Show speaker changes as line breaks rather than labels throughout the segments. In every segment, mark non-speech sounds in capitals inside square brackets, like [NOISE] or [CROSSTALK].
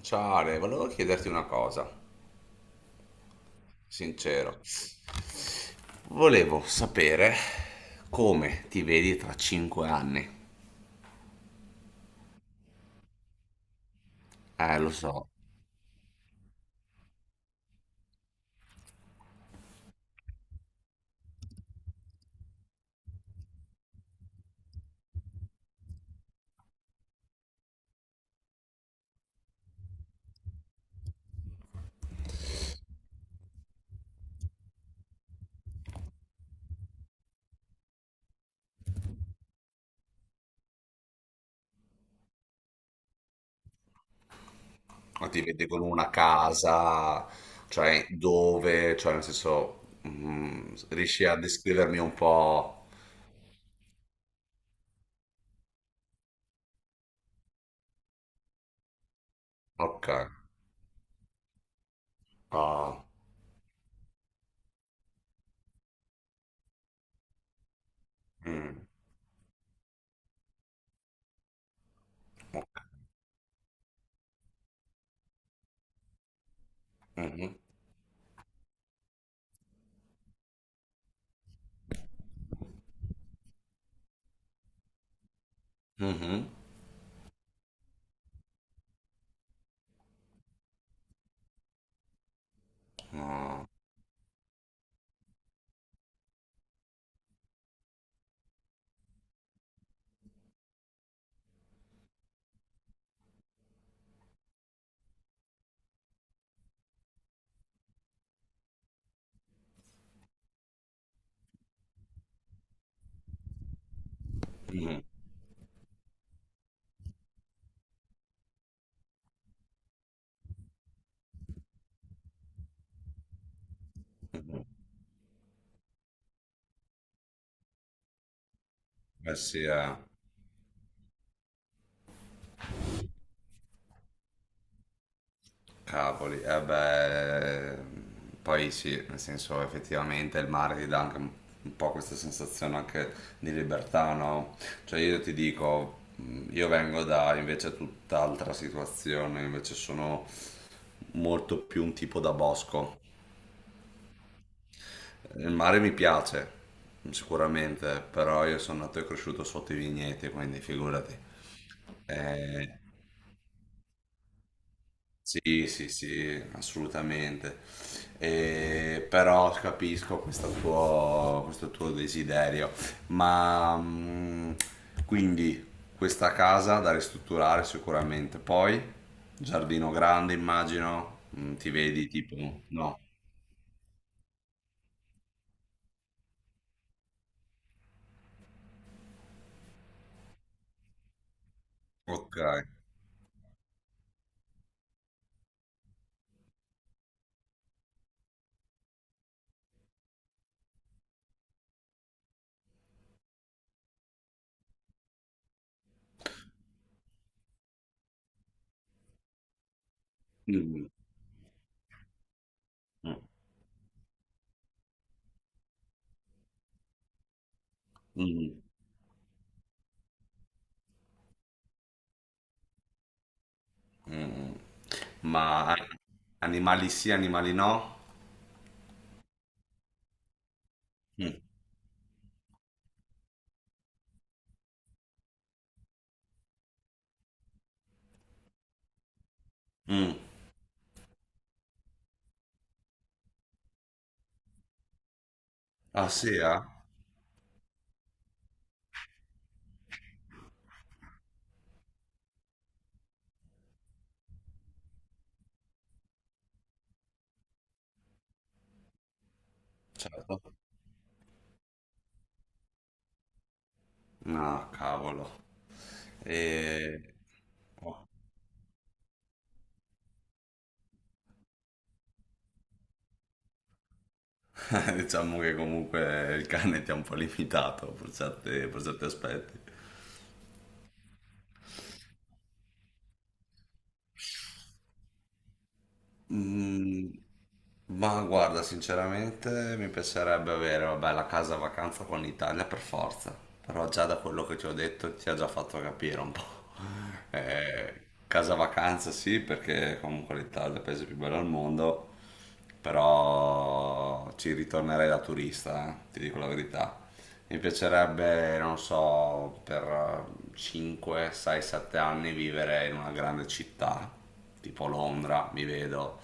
Ciao Ale, volevo chiederti una cosa, sincero. Volevo sapere come ti vedi tra 5 anni. Lo so, ma ti vedi con una casa, cioè dove, cioè nel senso, riesci a descrivermi un po'? Ok. Ah, mm, mhm, mhm, ah, mhm. Eh sì, eh. Cavoli, eh beh, poi sì, nel senso effettivamente il mare ti dà anche un po' questa sensazione anche di libertà, no? Cioè io ti dico, io vengo da invece tutt'altra situazione, invece sono molto più un tipo da bosco. Il mare mi piace, sicuramente, però io sono nato e cresciuto sotto i vigneti, quindi figurati. Eh, Sì, sì, sì, assolutamente. Però capisco questo tuo desiderio. Ma quindi questa casa da ristrutturare sicuramente. Poi, giardino grande, immagino. Ti vedi tipo, no, ok. Mm, mm, mm, mm. Mm. Ma animali sì, animali no? Mm, mm. Ah sì, eh? Certo. No, cavolo. E... boh. [LAUGHS] Diciamo che comunque il cane ti ha un po' limitato per certi aspetti. Mm, ma guarda, sinceramente mi piacerebbe avere, vabbè, la casa vacanza con l'Italia per forza. Però già da quello che ti ho detto ti ha già fatto capire un po'. [LAUGHS] Eh, casa vacanza sì, perché comunque l'Italia è il paese più bello al mondo. Però ci ritornerei da turista, ti dico la verità. Mi piacerebbe, non so, per 5, 6, 7 anni vivere in una grande città, tipo Londra, mi vedo,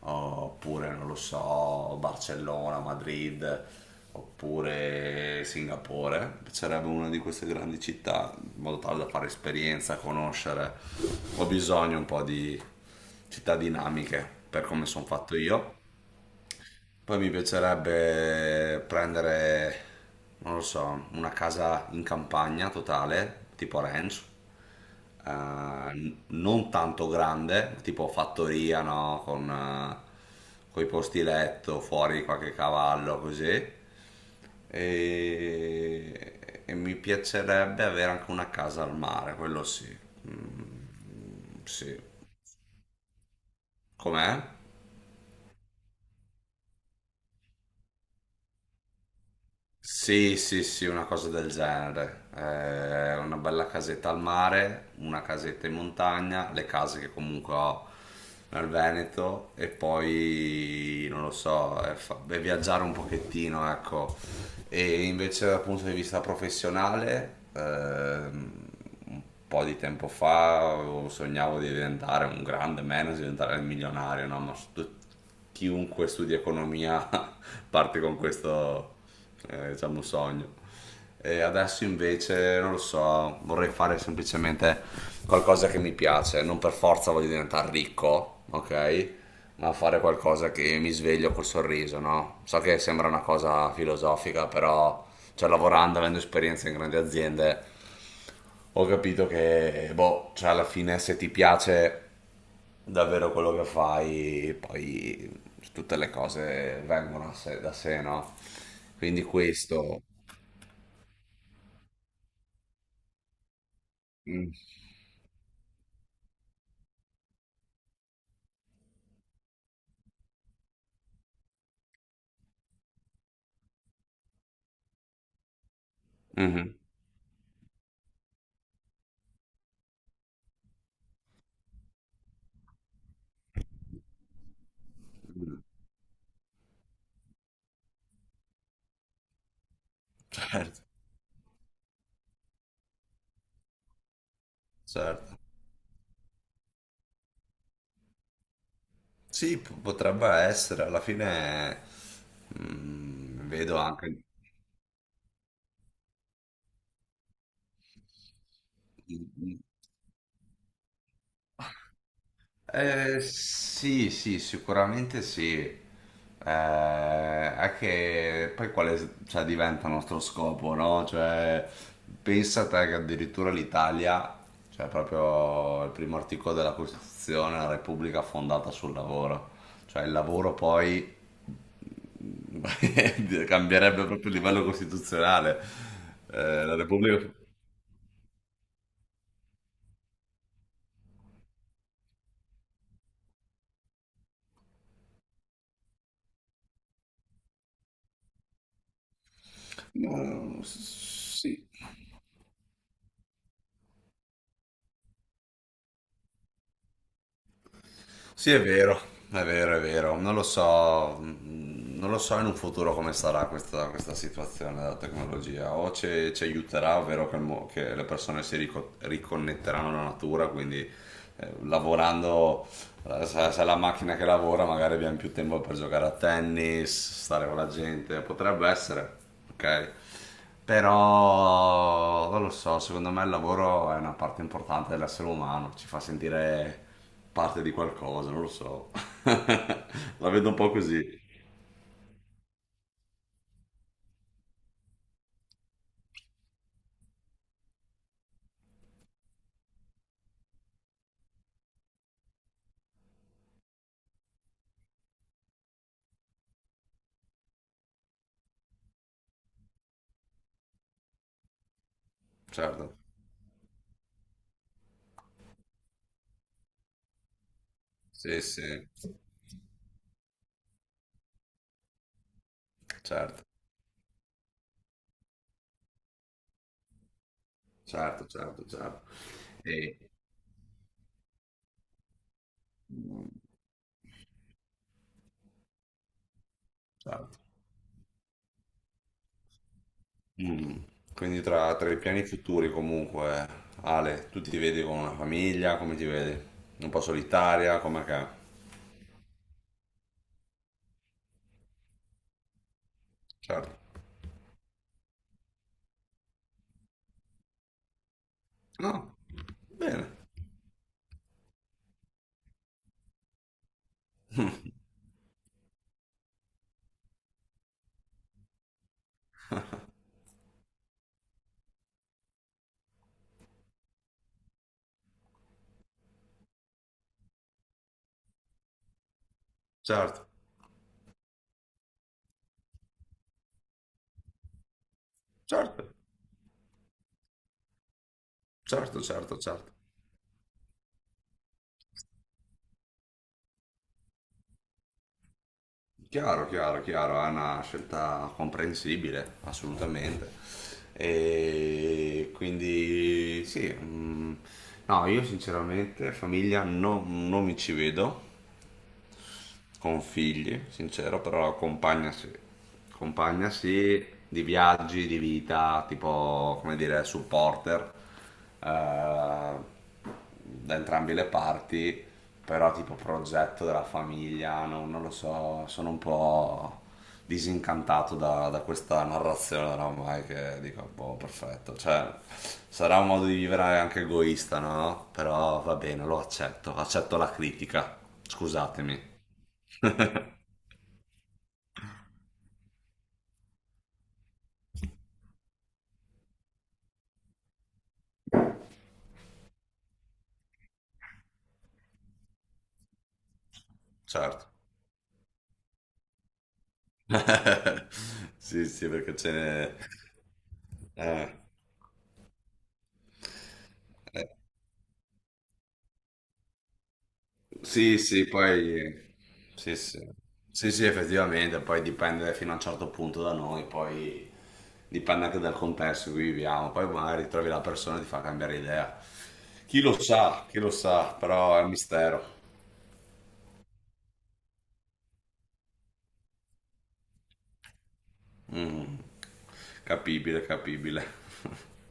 oppure non lo so, Barcellona, Madrid, oppure Singapore. Mi piacerebbe una di queste grandi città, in modo tale da fare esperienza, conoscere. Ho bisogno un po' di città dinamiche per come sono fatto io. Poi mi piacerebbe prendere, non lo so, una casa in campagna totale, tipo ranch, non tanto grande, tipo fattoria, no? Con, coi posti letto, fuori qualche cavallo, così. E mi piacerebbe avere anche una casa al mare, quello sì. Mm, sì. Com'è? Sì, sì, sì, una cosa del genere. Una bella casetta al mare, una casetta in montagna, le case che comunque ho nel Veneto e poi, non lo so, beh, viaggiare un pochettino, ecco. E invece dal punto di vista professionale, un po' di tempo fa sognavo di diventare un grande manager, diventare il milionario, no? Ma chiunque studi economia [LAUGHS] parte con questo, diciamo, sogno. E adesso invece, non lo so, vorrei fare semplicemente qualcosa che mi piace, non per forza voglio diventare ricco, ok? Ma fare qualcosa che mi sveglio col sorriso, no? So che sembra una cosa filosofica, però, cioè, lavorando, avendo esperienza in grandi aziende ho capito che, boh, cioè alla fine se ti piace davvero quello che fai, poi tutte le cose vengono a da sé, no? Quindi questo... Mhm. Certo, certo. Sì, potrebbe essere, alla fine vedo anche... Mm. Sì, sì, sicuramente sì. È che poi quale cioè, diventa il nostro scopo, no? Cioè, pensa te che addirittura l'Italia, cioè proprio il primo articolo della Costituzione, è la Repubblica fondata sul lavoro. Cioè il lavoro poi [LAUGHS] cambierebbe proprio il livello costituzionale. La Repubblica... No, sì. Sì, è vero, è vero, è vero. Non lo so, non lo so in un futuro come sarà questa, questa situazione della tecnologia. O ci aiuterà, ovvero che, che le persone riconnetteranno alla natura, quindi lavorando allora, se è la macchina che lavora magari abbiamo più tempo per giocare a tennis, stare con la gente, potrebbe essere, ok? Però non lo so, secondo me il lavoro è una parte importante dell'essere umano, ci fa sentire parte di qualcosa, non lo so. [LAUGHS] La vedo un po' così, certo. Sì, sì, certo, certo, certo, certo. E... mm, certo. Mm. Quindi tra i piani futuri comunque, Ale, tu ti vedi con una famiglia, come ti vedi? Un po' solitaria, come che? Certo. No, bene, certo, certo, certo, certo, certo. Chiaro, chiaro, chiaro, è una scelta comprensibile, assolutamente. E quindi sì, no, io sinceramente famiglia non mi ci vedo. Con figli, sincero, però compagna sì. Compagna sì, di viaggi, di vita, tipo, come dire, supporter eh, da entrambe le parti, però tipo progetto della famiglia, non lo so, sono un po' disincantato da questa narrazione oramai che dico, boh, perfetto, cioè sarà un modo di vivere anche egoista, no? Però va bene, lo accetto, accetto la critica, scusatemi. [LAUGHS] Certo. [LAUGHS] Sì, sì, perché ce n'è. Eh, eh, sì, sì, poi sì, sì. Sì, sì, effettivamente, poi dipende fino a un certo punto da noi, poi dipende anche dal contesto in cui viviamo, poi magari trovi la persona e ti fa cambiare idea. Chi lo sa, però è un mistero. Mm. Capibile, capibile. [LAUGHS]